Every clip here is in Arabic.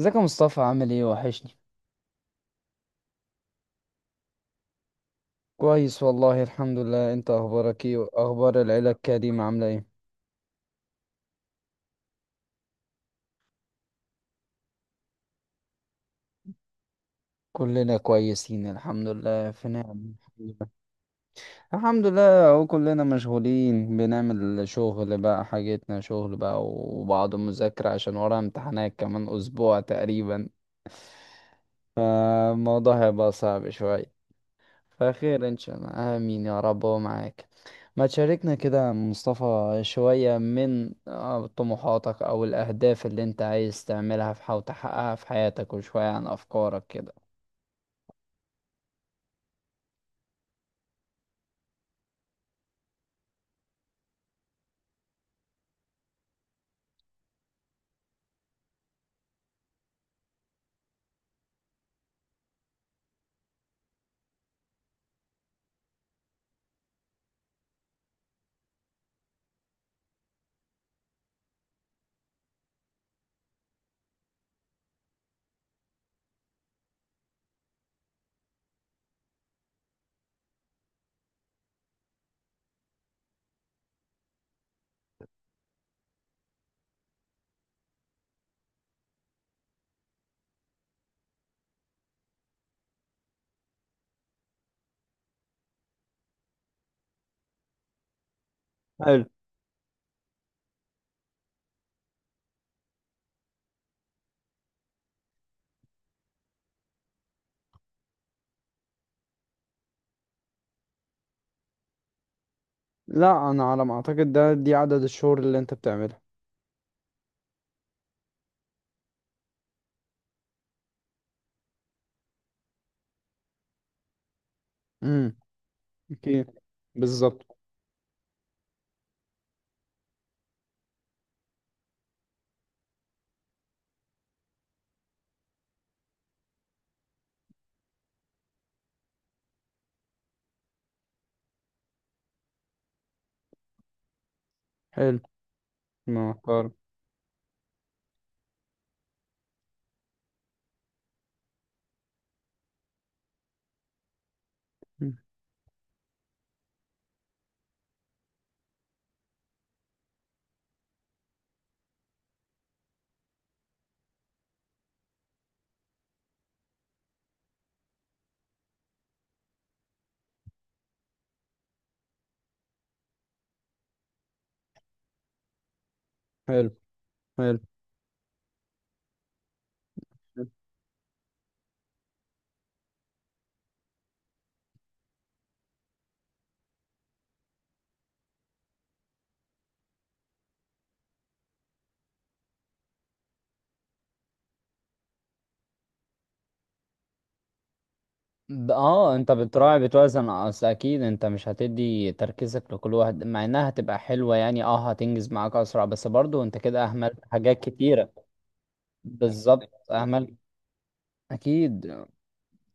ازيك يا مصطفى؟ عامل ايه؟ وحشني. كويس والله الحمد لله. انت اخبارك ايه؟ واخبار العيلة الكريمة عاملة ايه؟ كلنا كويسين الحمد لله، في نعم الحمد لله الحمد لله. اهو كلنا مشغولين، بنعمل شغل بقى، حاجتنا شغل بقى وبعض المذاكرة، عشان ورا امتحانات كمان اسبوع تقريبا. فالموضوع هيبقى صعب شوية. فخير ان شاء الله، امين يا رب، ومعاك. ما تشاركنا كده مصطفى شوية من طموحاتك او الاهداف اللي انت عايز تعملها في او تحققها في حياتك، وشوية عن افكارك كده. حلو. لا، انا على ما اعتقد ده دي عدد الشهور اللي انت بتعملها. امم. اوكي. بالظبط. حلو. محترم. مم. حلو. حلو. اه، انت بتراعي، بتوازن، اصل اكيد انت مش هتدي تركيزك لكل واحد، مع انها هتبقى حلوة يعني، اه هتنجز معاك اسرع، بس برضو انت كده اهملت حاجات كتيرة. بالظبط اهملت. اكيد.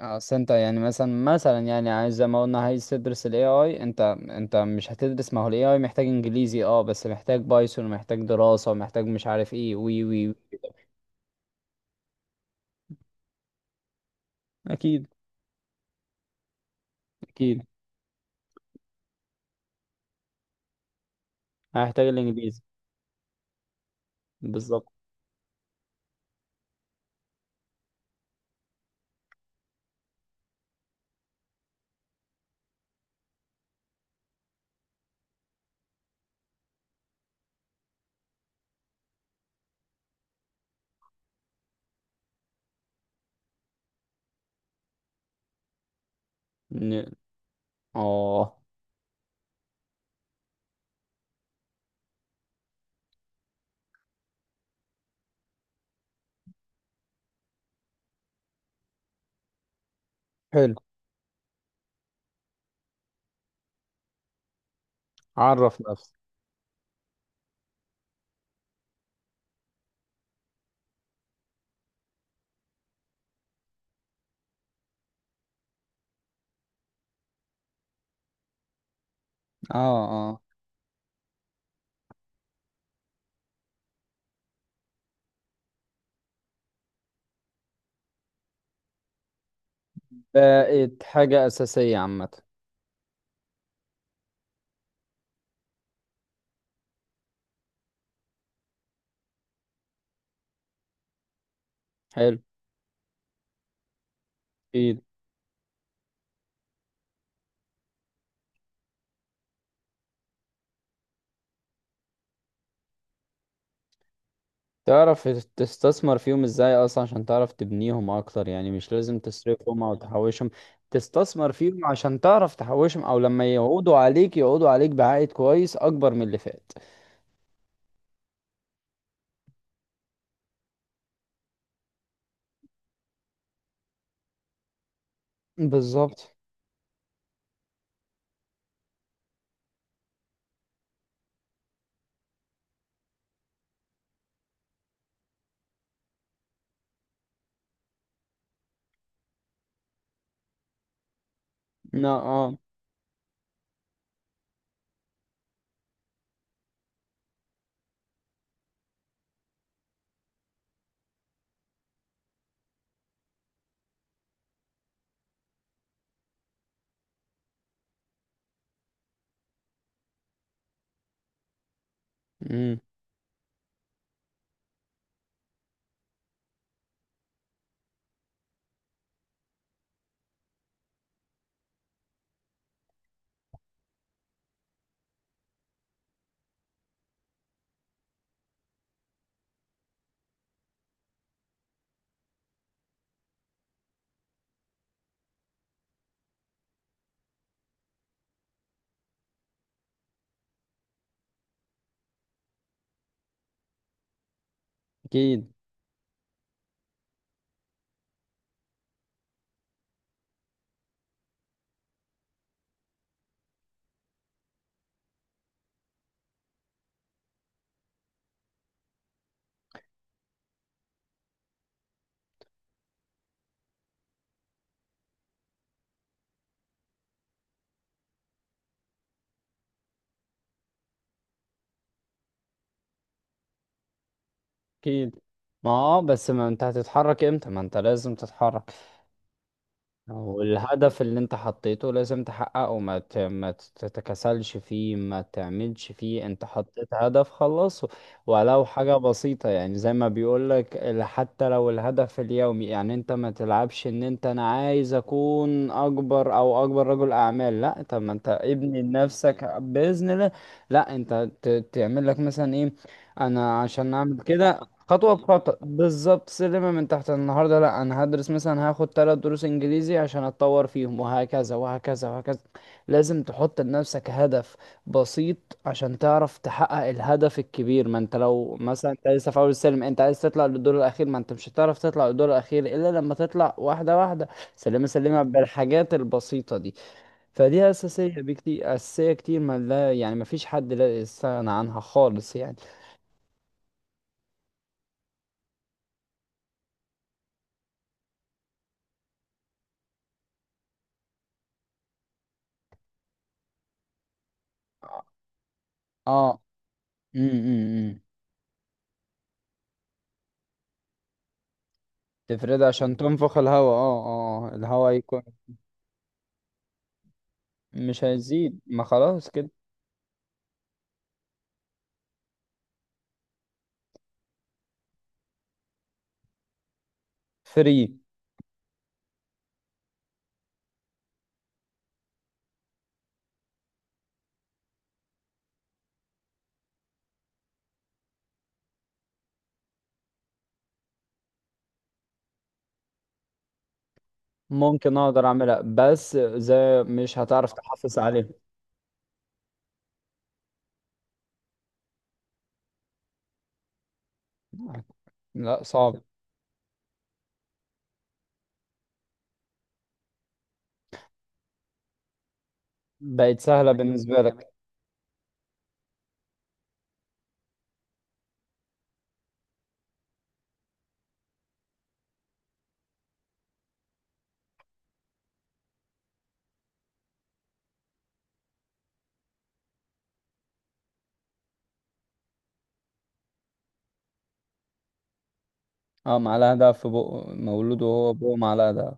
اصل انت يعني مثلا، يعني عايز زي ما قلنا، عايز تدرس الاي اي. انت انت مش هتدرس؟ ما هو الاي اي محتاج انجليزي اه، بس محتاج بايثون، ومحتاج دراسة، ومحتاج مش عارف ايه، وي وي. اكيد اكيد. هيحتاج الانجليزي. بالظبط. ن- اه. حلو. عرف نفسك. اه آه. بقت حاجة أساسية عامة. حلو. إيه. تعرف تستثمر فيهم إزاي أصلا، عشان تعرف تبنيهم أكتر، يعني مش لازم تصرفهم أو تحوشهم. تستثمر فيهم عشان تعرف تحوشهم، أو لما يقعدوا عليك يقعدوا عليك بعائد كويس أكبر من اللي فات. بالظبط. لا اه. أمم، أكيد أكيد. ما اه، بس ما انت هتتحرك امتى؟ ما انت لازم تتحرك. والهدف اللي انت حطيته لازم تحققه، ما تتكسلش فيه، ما تعملش فيه، انت حطيت هدف خلصه. ولو حاجة بسيطة، يعني زي ما بيقولك حتى لو الهدف اليومي، يعني انت ما تلعبش ان انت انا عايز اكون اكبر، او اكبر رجل اعمال، لا، طب ما انت ابني لنفسك بإذن الله. لا انت تعمل لك مثلا ايه، انا عشان اعمل كده. خطوة بخطوة بالظبط، سلمة من تحت. النهاردة لا أنا هدرس، مثلا هاخد تلات دروس إنجليزي عشان أتطور فيهم، وهكذا وهكذا وهكذا. لازم تحط لنفسك هدف بسيط، عشان تعرف تحقق الهدف الكبير. ما أنت لو مثلا أنت لسه في أول السلم، أنت عايز تطلع للدور الأخير، ما أنت مش هتعرف تطلع للدور الأخير إلا لما تطلع واحدة واحدة، سلمة سلمة بالحاجات البسيطة دي. فدي أساسية بكتير، أساسية كتير، ما لا يعني ما فيش حد لا يستغنى عنها خالص يعني. آه. أمم، أمم، أمم. تفرد عشان تنفخ الهواء اه اه آه. الهواء يكون. مش هيزيد، ما خلاص كده. فري. ممكن اقدر اعملها، بس زي مش هتعرف تحافظ عليها. لا صعب. بقت سهلة بالنسبة لك. اه، معلقة دهب في بقه، مولود وهو بقه معلقة دهب.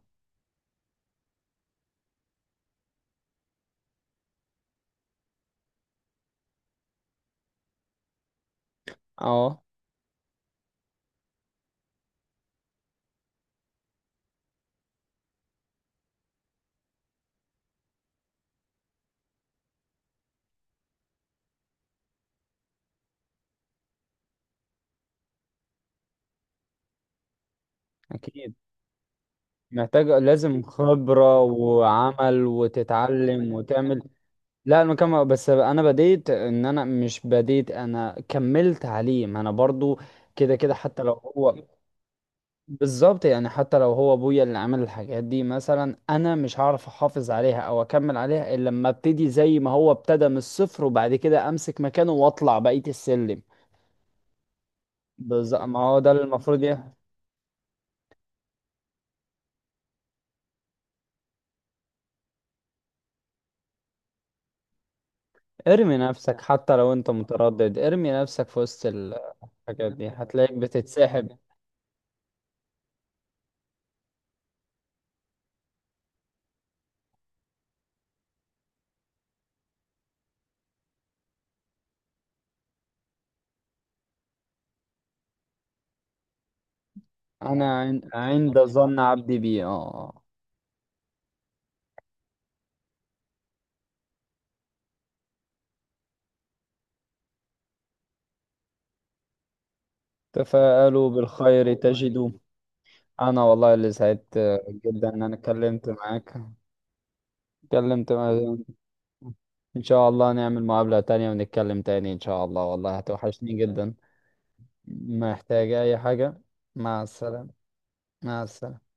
اه. اكيد. محتاج، لازم خبرة وعمل، وتتعلم وتعمل. لا المكان، بس انا بديت ان انا مش بديت، انا كملت عليه، ما انا برضو كده كده حتى لو هو. بالظبط، يعني حتى لو هو ابويا اللي عمل الحاجات دي مثلا، انا مش هعرف احافظ عليها او اكمل عليها الا لما ابتدي زي ما هو ابتدى من الصفر، وبعد كده امسك مكانه واطلع بقية السلم. بالظبط، ما هو ده اللي المفروض يعني. ارمي نفسك حتى لو انت متردد، ارمي نفسك في وسط الحاجات دي، هتلاقيك بتتسحب. عند ظن عبدي بي اه آه. تفاءلوا بالخير تجدوا. انا والله اللي سعدت جدا ان انا اتكلمت معاك. اتكلمت. ان شاء الله نعمل مقابلة تانية ونتكلم تاني ان شاء الله، والله هتوحشني جدا. محتاج اي حاجة. مع السلامة. مع السلامة.